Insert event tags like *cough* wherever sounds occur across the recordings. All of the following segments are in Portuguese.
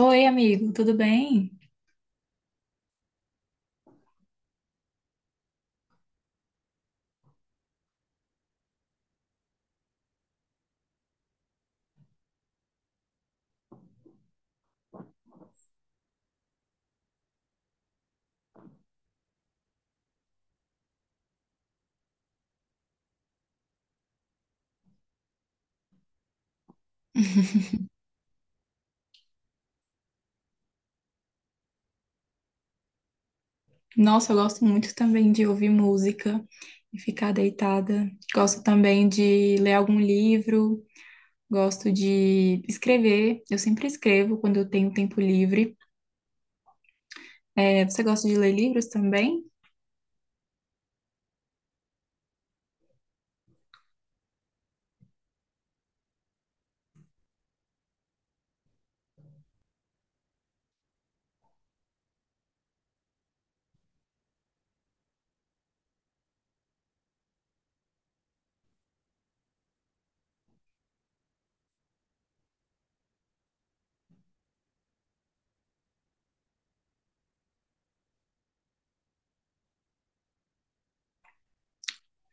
Oi, amigo, tudo bem? Nossa, eu gosto muito também de ouvir música e ficar deitada. Gosto também de ler algum livro, gosto de escrever. Eu sempre escrevo quando eu tenho tempo livre. É, você gosta de ler livros também?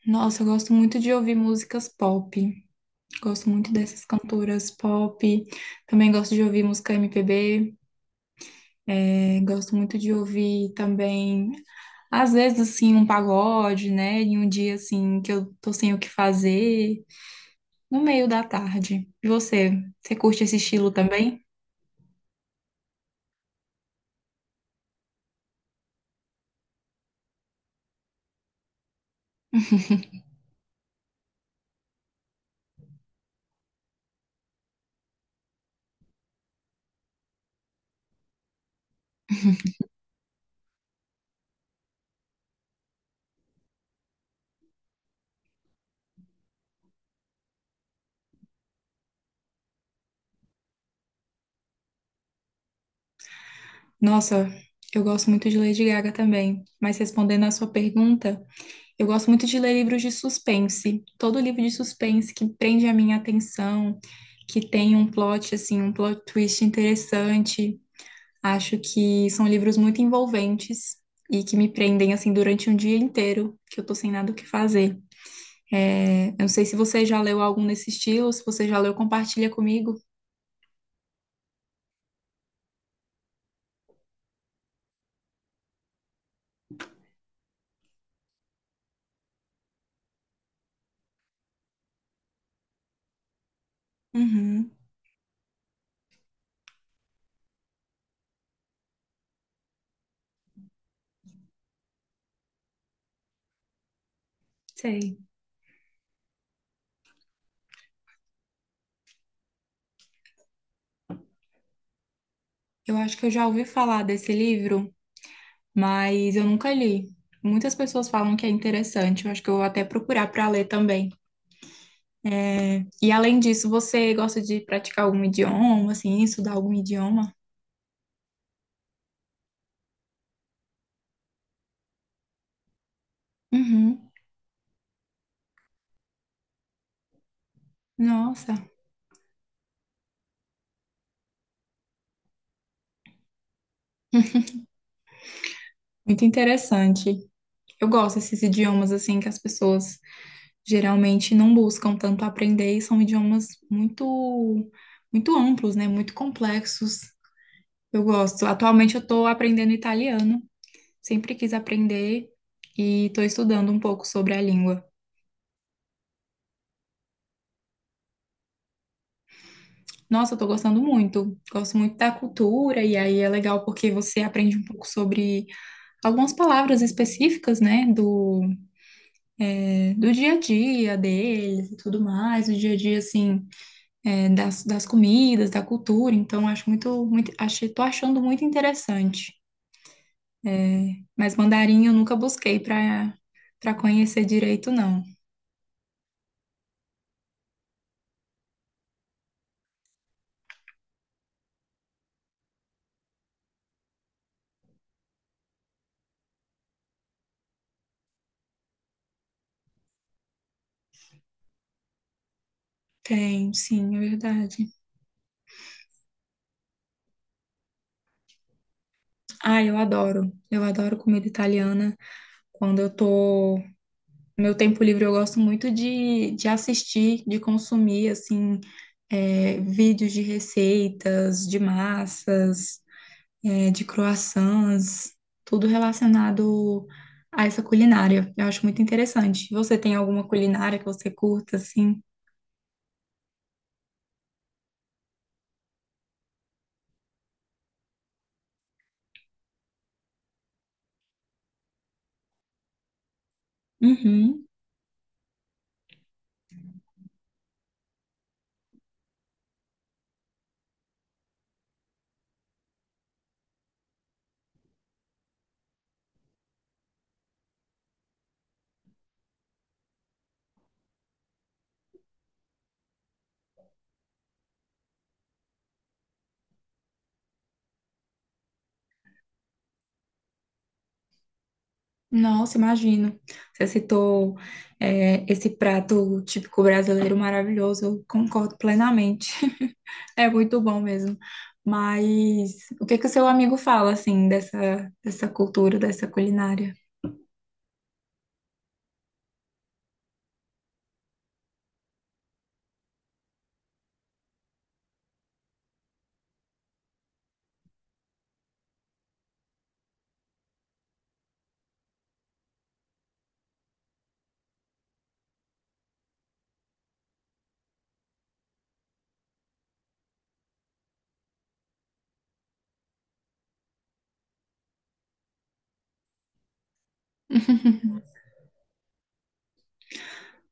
Nossa, eu gosto muito de ouvir músicas pop. Gosto muito dessas cantoras pop. Também gosto de ouvir música MPB. É, gosto muito de ouvir também às vezes, assim, um pagode, né? Em um dia, assim, que eu tô sem o que fazer, no meio da tarde. E você? Você curte esse estilo também? Nossa, eu gosto muito de Lady Gaga também. Mas respondendo à sua pergunta, eu gosto muito de ler livros de suspense. Todo livro de suspense que prende a minha atenção, que tem um plot, assim, um plot twist interessante. Acho que são livros muito envolventes e que me prendem, assim, durante um dia inteiro, que eu tô sem nada o que fazer. É, eu não sei se você já leu algum nesse estilo, se você já leu, compartilha comigo. Uhum, sei. Eu acho que eu já ouvi falar desse livro, mas eu nunca li. Muitas pessoas falam que é interessante, eu acho que eu vou até procurar para ler também. E além disso, você gosta de praticar algum idioma, assim, estudar algum idioma? Uhum. Nossa, muito interessante. Eu gosto desses idiomas assim que as pessoas geralmente não buscam tanto aprender e são idiomas muito, muito amplos, né? Muito complexos. Eu gosto. Atualmente eu estou aprendendo italiano, sempre quis aprender e estou estudando um pouco sobre a língua. Nossa, eu tô gostando muito. Gosto muito da cultura, e aí é legal porque você aprende um pouco sobre algumas palavras específicas, né? Do dia a dia deles e tudo mais. O dia a dia, assim, das comidas, da cultura, então acho muito, muito achei, tô achando muito interessante. Mas mandarim eu nunca busquei para conhecer direito, não. Tem, sim, é verdade. Ah, eu adoro. Eu adoro comida italiana. Quando eu tô no meu tempo livre, eu gosto muito de assistir, de consumir, assim, é, vídeos de receitas, de massas, é, de croissants, tudo relacionado a essa culinária. Eu acho muito interessante. Você tem alguma culinária que você curta, assim? Uhum. Nossa, imagino. Você citou, é, esse prato típico brasileiro maravilhoso. Eu concordo plenamente. *laughs* É muito bom mesmo. Mas o que que o seu amigo fala, assim, dessa cultura, dessa culinária?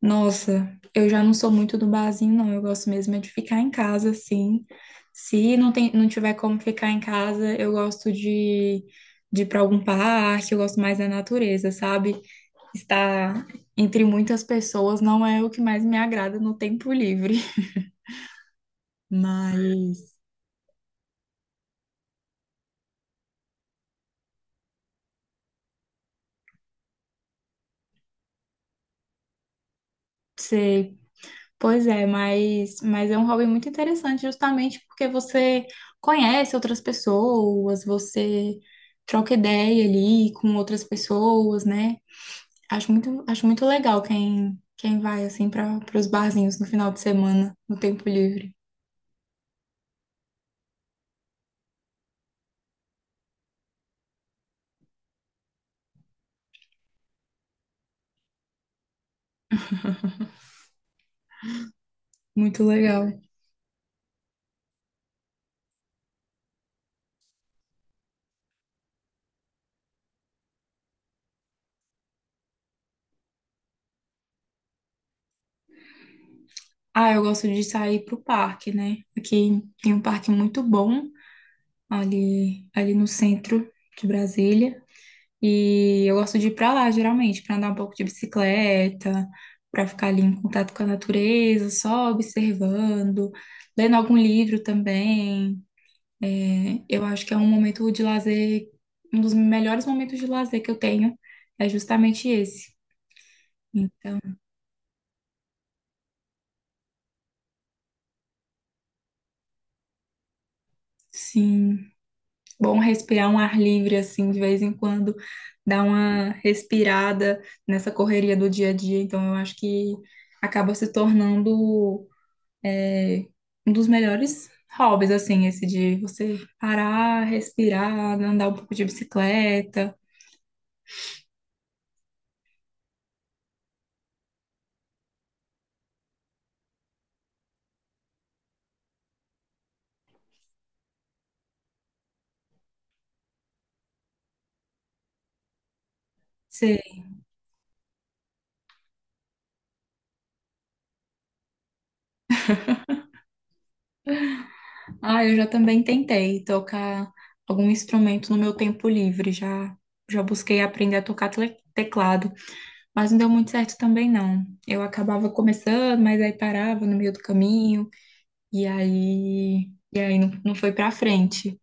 Nossa, eu já não sou muito do barzinho, não. Eu gosto mesmo é de ficar em casa, sim. Se não tem, não tiver como ficar em casa, eu gosto de ir para algum parque, eu gosto mais da natureza, sabe? Estar entre muitas pessoas não é o que mais me agrada no tempo livre. *laughs* Mas, sei. Pois é, mas é um hobby muito interessante, justamente porque você conhece outras pessoas, você troca ideia ali com outras pessoas, né? Acho muito legal quem, quem vai assim para os barzinhos no final de semana, no tempo livre. Muito legal. Ah, eu gosto de sair pro parque, né? Aqui tem um parque muito bom ali, ali no centro de Brasília. E eu gosto de ir pra lá, geralmente, para andar um pouco de bicicleta, para ficar ali em contato com a natureza, só observando, lendo algum livro também. Né? Eu acho que é um momento de lazer, um dos melhores momentos de lazer que eu tenho é justamente esse. Então, sim, bom respirar um ar livre assim de vez em quando, dar uma respirada nessa correria do dia a dia. Então, eu acho que acaba se tornando é, um dos melhores hobbies assim, esse de você parar, respirar, andar um pouco de bicicleta. Você ah, eu já também tentei tocar algum instrumento no meu tempo livre. Já, já busquei aprender a tocar teclado, mas não deu muito certo também não. Eu acabava começando, mas aí parava no meio do caminho e aí não, não foi pra frente.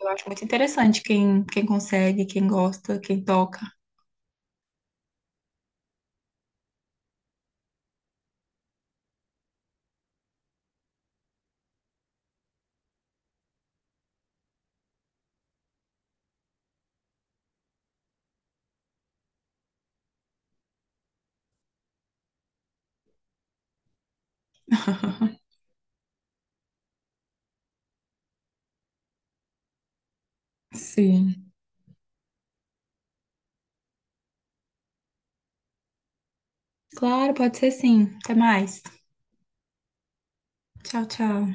Eu acho muito interessante quem consegue, quem gosta, quem toca. Sim. Claro, pode ser sim. Até mais. Tchau, tchau.